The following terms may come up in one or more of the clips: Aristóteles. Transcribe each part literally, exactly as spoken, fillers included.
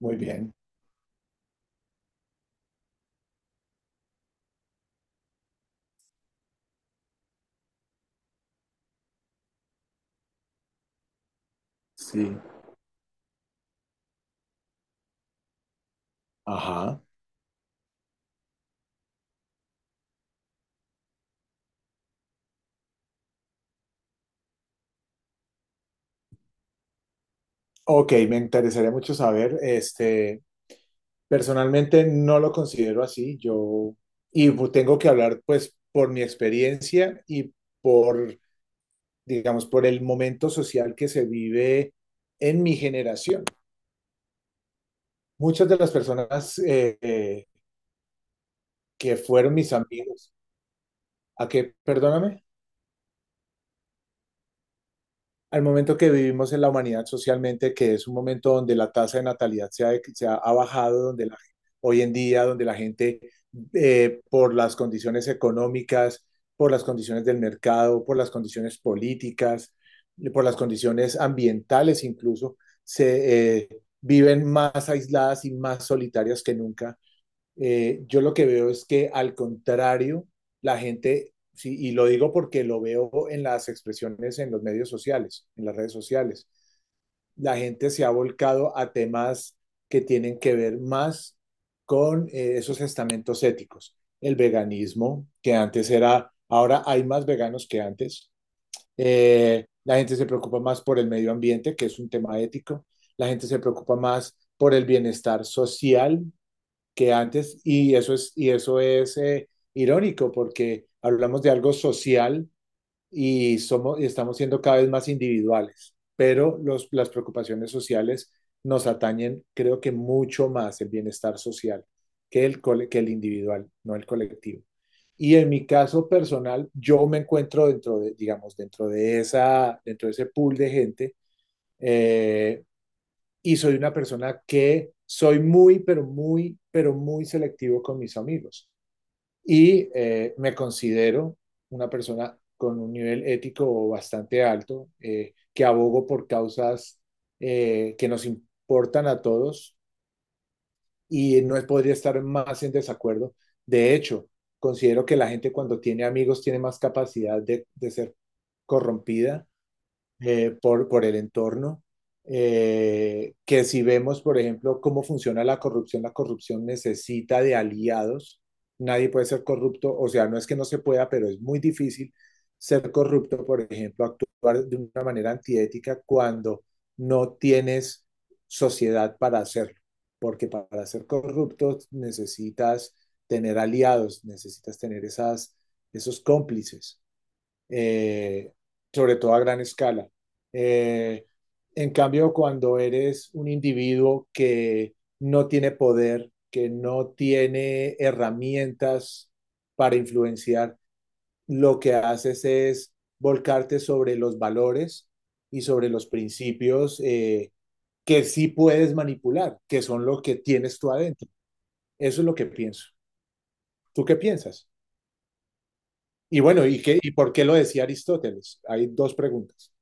Muy bien, sí. Ajá. Ok, me interesaría mucho saber. Este, personalmente no lo considero así. Yo, y bu- tengo que hablar pues por mi experiencia y por, digamos, por el momento social que se vive en mi generación. Muchas de las personas eh, eh, que fueron mis amigos, ¿a qué? Perdóname. Al momento que vivimos en la humanidad socialmente, que es un momento donde la tasa de natalidad se ha, se ha- ha bajado, donde la, hoy en día, donde la gente, eh, por las condiciones económicas, por las condiciones del mercado, por las condiciones políticas, por las condiciones ambientales incluso, se eh, viven más aisladas y más solitarias que nunca. Eh, yo lo que veo es que, al contrario, la gente, sí, y lo digo porque lo veo en las expresiones en los medios sociales, en las redes sociales, la gente se ha volcado a temas que tienen que ver más con eh, esos estamentos éticos. El veganismo, que antes era, ahora hay más veganos que antes. Eh, la gente se preocupa más por el medio ambiente, que es un tema ético. La gente se preocupa más por el bienestar social que antes, y eso es, y eso es eh, irónico porque hablamos de algo social y, somos, y estamos siendo cada vez más individuales, pero los, las preocupaciones sociales nos atañen, creo que mucho más el bienestar social que el, cole, que el individual, no el colectivo. Y en mi caso personal, yo me encuentro dentro de, digamos, dentro de, esa, dentro de ese pool de gente, eh, y soy una persona que soy muy, pero muy, pero muy selectivo con mis amigos, y eh, me considero una persona con un nivel ético bastante alto, eh, que abogo por causas eh, que nos importan a todos, y no podría estar más en desacuerdo. De hecho, considero que la gente, cuando tiene amigos, tiene más capacidad de, de ser corrompida eh, por, por el entorno. eh, que si vemos, por ejemplo, cómo funciona la corrupción, la corrupción necesita de aliados. Nadie puede ser corrupto, o sea, no es que no se pueda, pero es muy difícil ser corrupto, por ejemplo, actuar de una manera antiética cuando no tienes sociedad para hacerlo, porque para ser corrupto necesitas tener aliados, necesitas tener esas, esos cómplices, eh, sobre todo a gran escala. Eh, en cambio, cuando eres un individuo que no tiene poder, que no tiene herramientas para influenciar, lo que haces es volcarte sobre los valores y sobre los principios, eh, que sí puedes manipular, que son lo que tienes tú adentro. Eso es lo que pienso. ¿Tú qué piensas? Y bueno, ¿y qué, y por qué lo decía Aristóteles? Hay dos preguntas,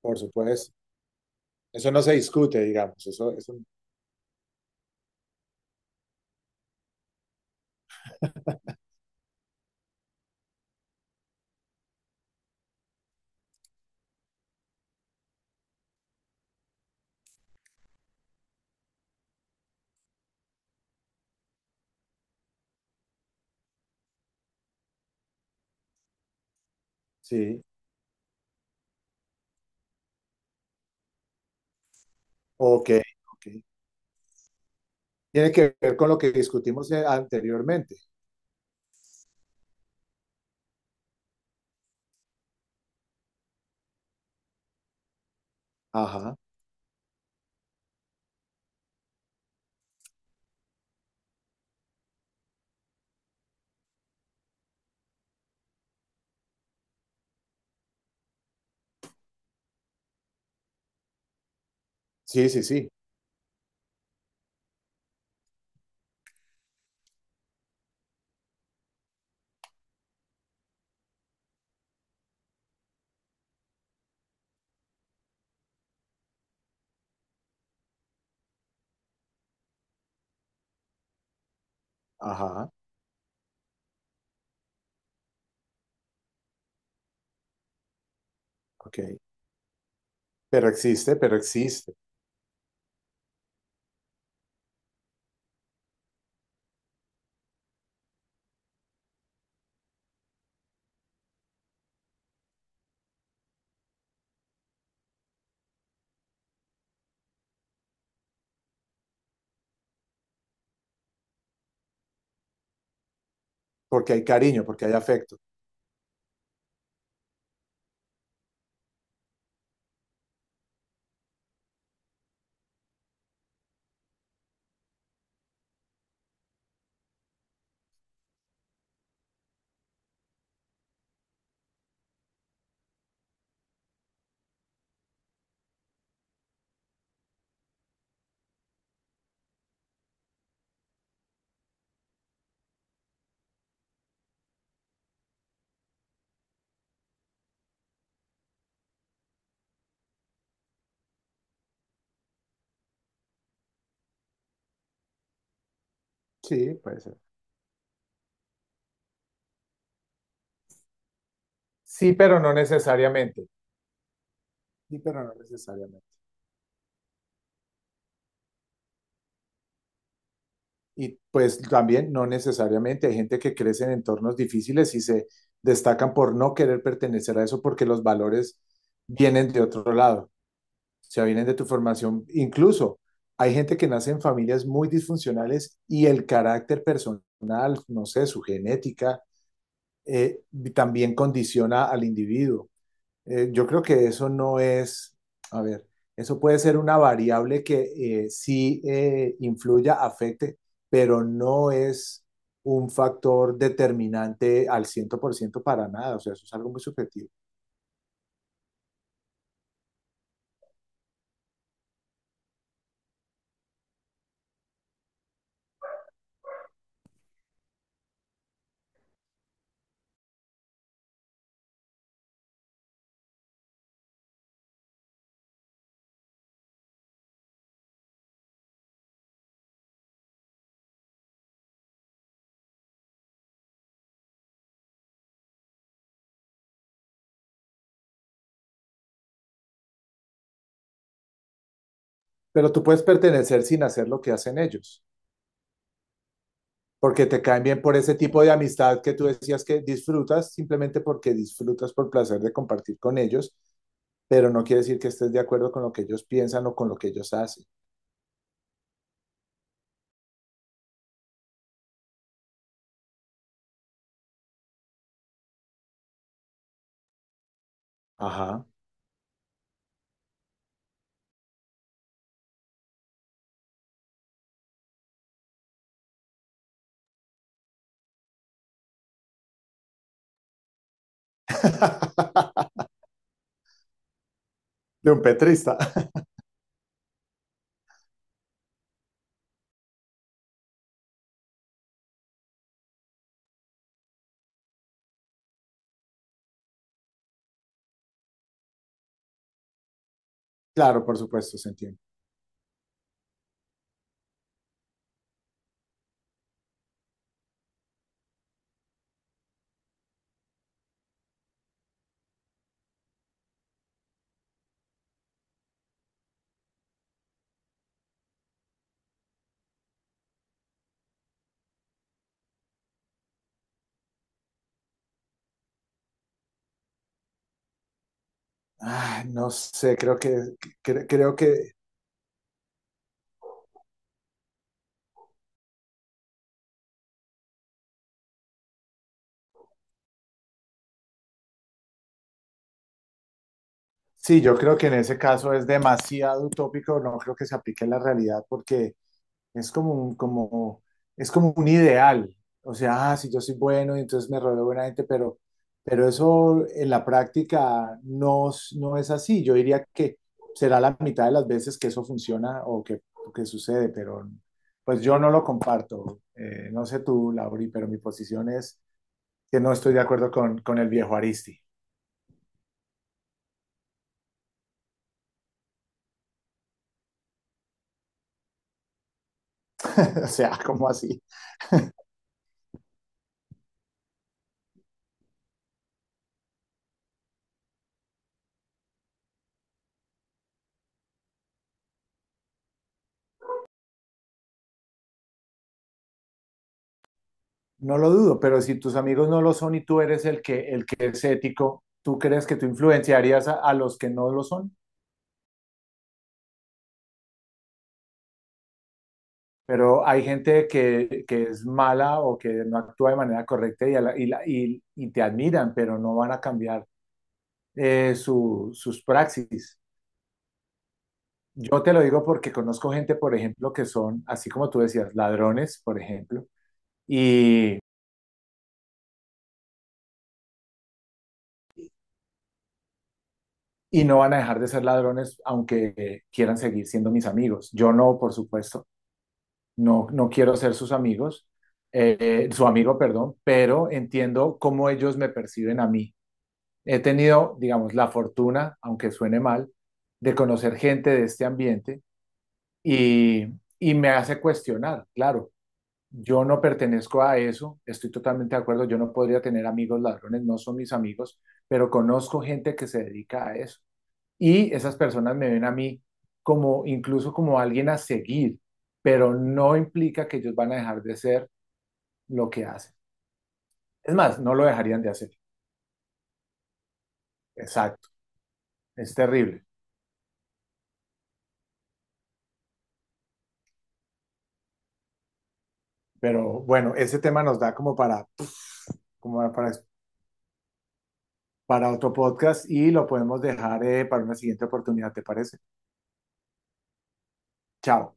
por supuesto. Eso no se discute, digamos. Eso, eso. Sí, ok, ok. Tiene que ver con lo que discutimos eh, anteriormente. Ajá. Sí, sí, sí. Ajá, ok. Pero existe, pero existe. Porque hay cariño, porque hay afecto. Sí, puede ser. Sí, pero no necesariamente. Sí, pero no necesariamente. Y pues también no necesariamente. Hay gente que crece en entornos difíciles y se destacan por no querer pertenecer a eso porque los valores vienen de otro lado. Sea, vienen de tu formación. Incluso hay gente que nace en familias muy disfuncionales y el carácter personal, no sé, su genética, eh, también condiciona al individuo. Eh, yo creo que eso no es, a ver, eso puede ser una variable que, eh, sí eh, influya, afecte, pero no es un factor determinante al cien por ciento para nada, o sea, eso es algo muy subjetivo. Pero tú puedes pertenecer sin hacer lo que hacen ellos, porque te caen bien por ese tipo de amistad que tú decías que disfrutas, simplemente porque disfrutas por placer de compartir con ellos, pero no quiere decir que estés de acuerdo con lo que ellos piensan o con lo que ellos hacen. Ajá. De un petrista. Claro, por supuesto, se entiende. Ay, no sé, creo que, cre- creo que, sí, yo creo que en ese caso es demasiado utópico, no creo que se aplique en la realidad porque es como un, como, es como un ideal. O sea, ah, si yo soy bueno y entonces me rodeo de buena gente, pero, pero eso en la práctica no, s- no es así. Yo diría que será la mitad de las veces que eso funciona o que, que sucede, pero pues yo no lo comparto. Eh, no sé tú, Lauri, pero mi posición es que no estoy de acuerdo con, con el viejo Aristi. O sea, como así? No lo dudo, pero si tus amigos no lo son y tú eres el que, el que es ético, ¿tú crees que tú influenciarías a, a los que no lo son? Pero hay gente que, que es mala o que no actúa de manera correcta y, a la- y la- y- y te admiran, pero no van a cambiar, eh, su- sus praxis. Yo te lo digo porque conozco gente, por ejemplo, que son, así como tú decías, ladrones, por ejemplo, y, y no van a dejar de ser ladrones aunque eh, quieran seguir siendo mis amigos. Yo no, por supuesto. No, no quiero ser sus amigos, eh, su amigo, perdón, pero entiendo cómo ellos me perciben a mí. He tenido, digamos, la fortuna, aunque suene mal, de conocer gente de este ambiente, y, y me hace cuestionar, claro, yo no pertenezco a eso, estoy totalmente de acuerdo, yo no podría tener amigos ladrones, no son mis amigos, pero conozco gente que se dedica a eso, y esas personas me ven a mí como incluso como alguien a seguir, pero no implica que ellos van a dejar de ser lo que hacen. Es más, no lo dejarían de hacer. Exacto, es terrible. Pero bueno, ese tema nos da como para, como para, para otro podcast, y lo podemos dejar, eh, para una siguiente oportunidad, ¿te parece? Chao.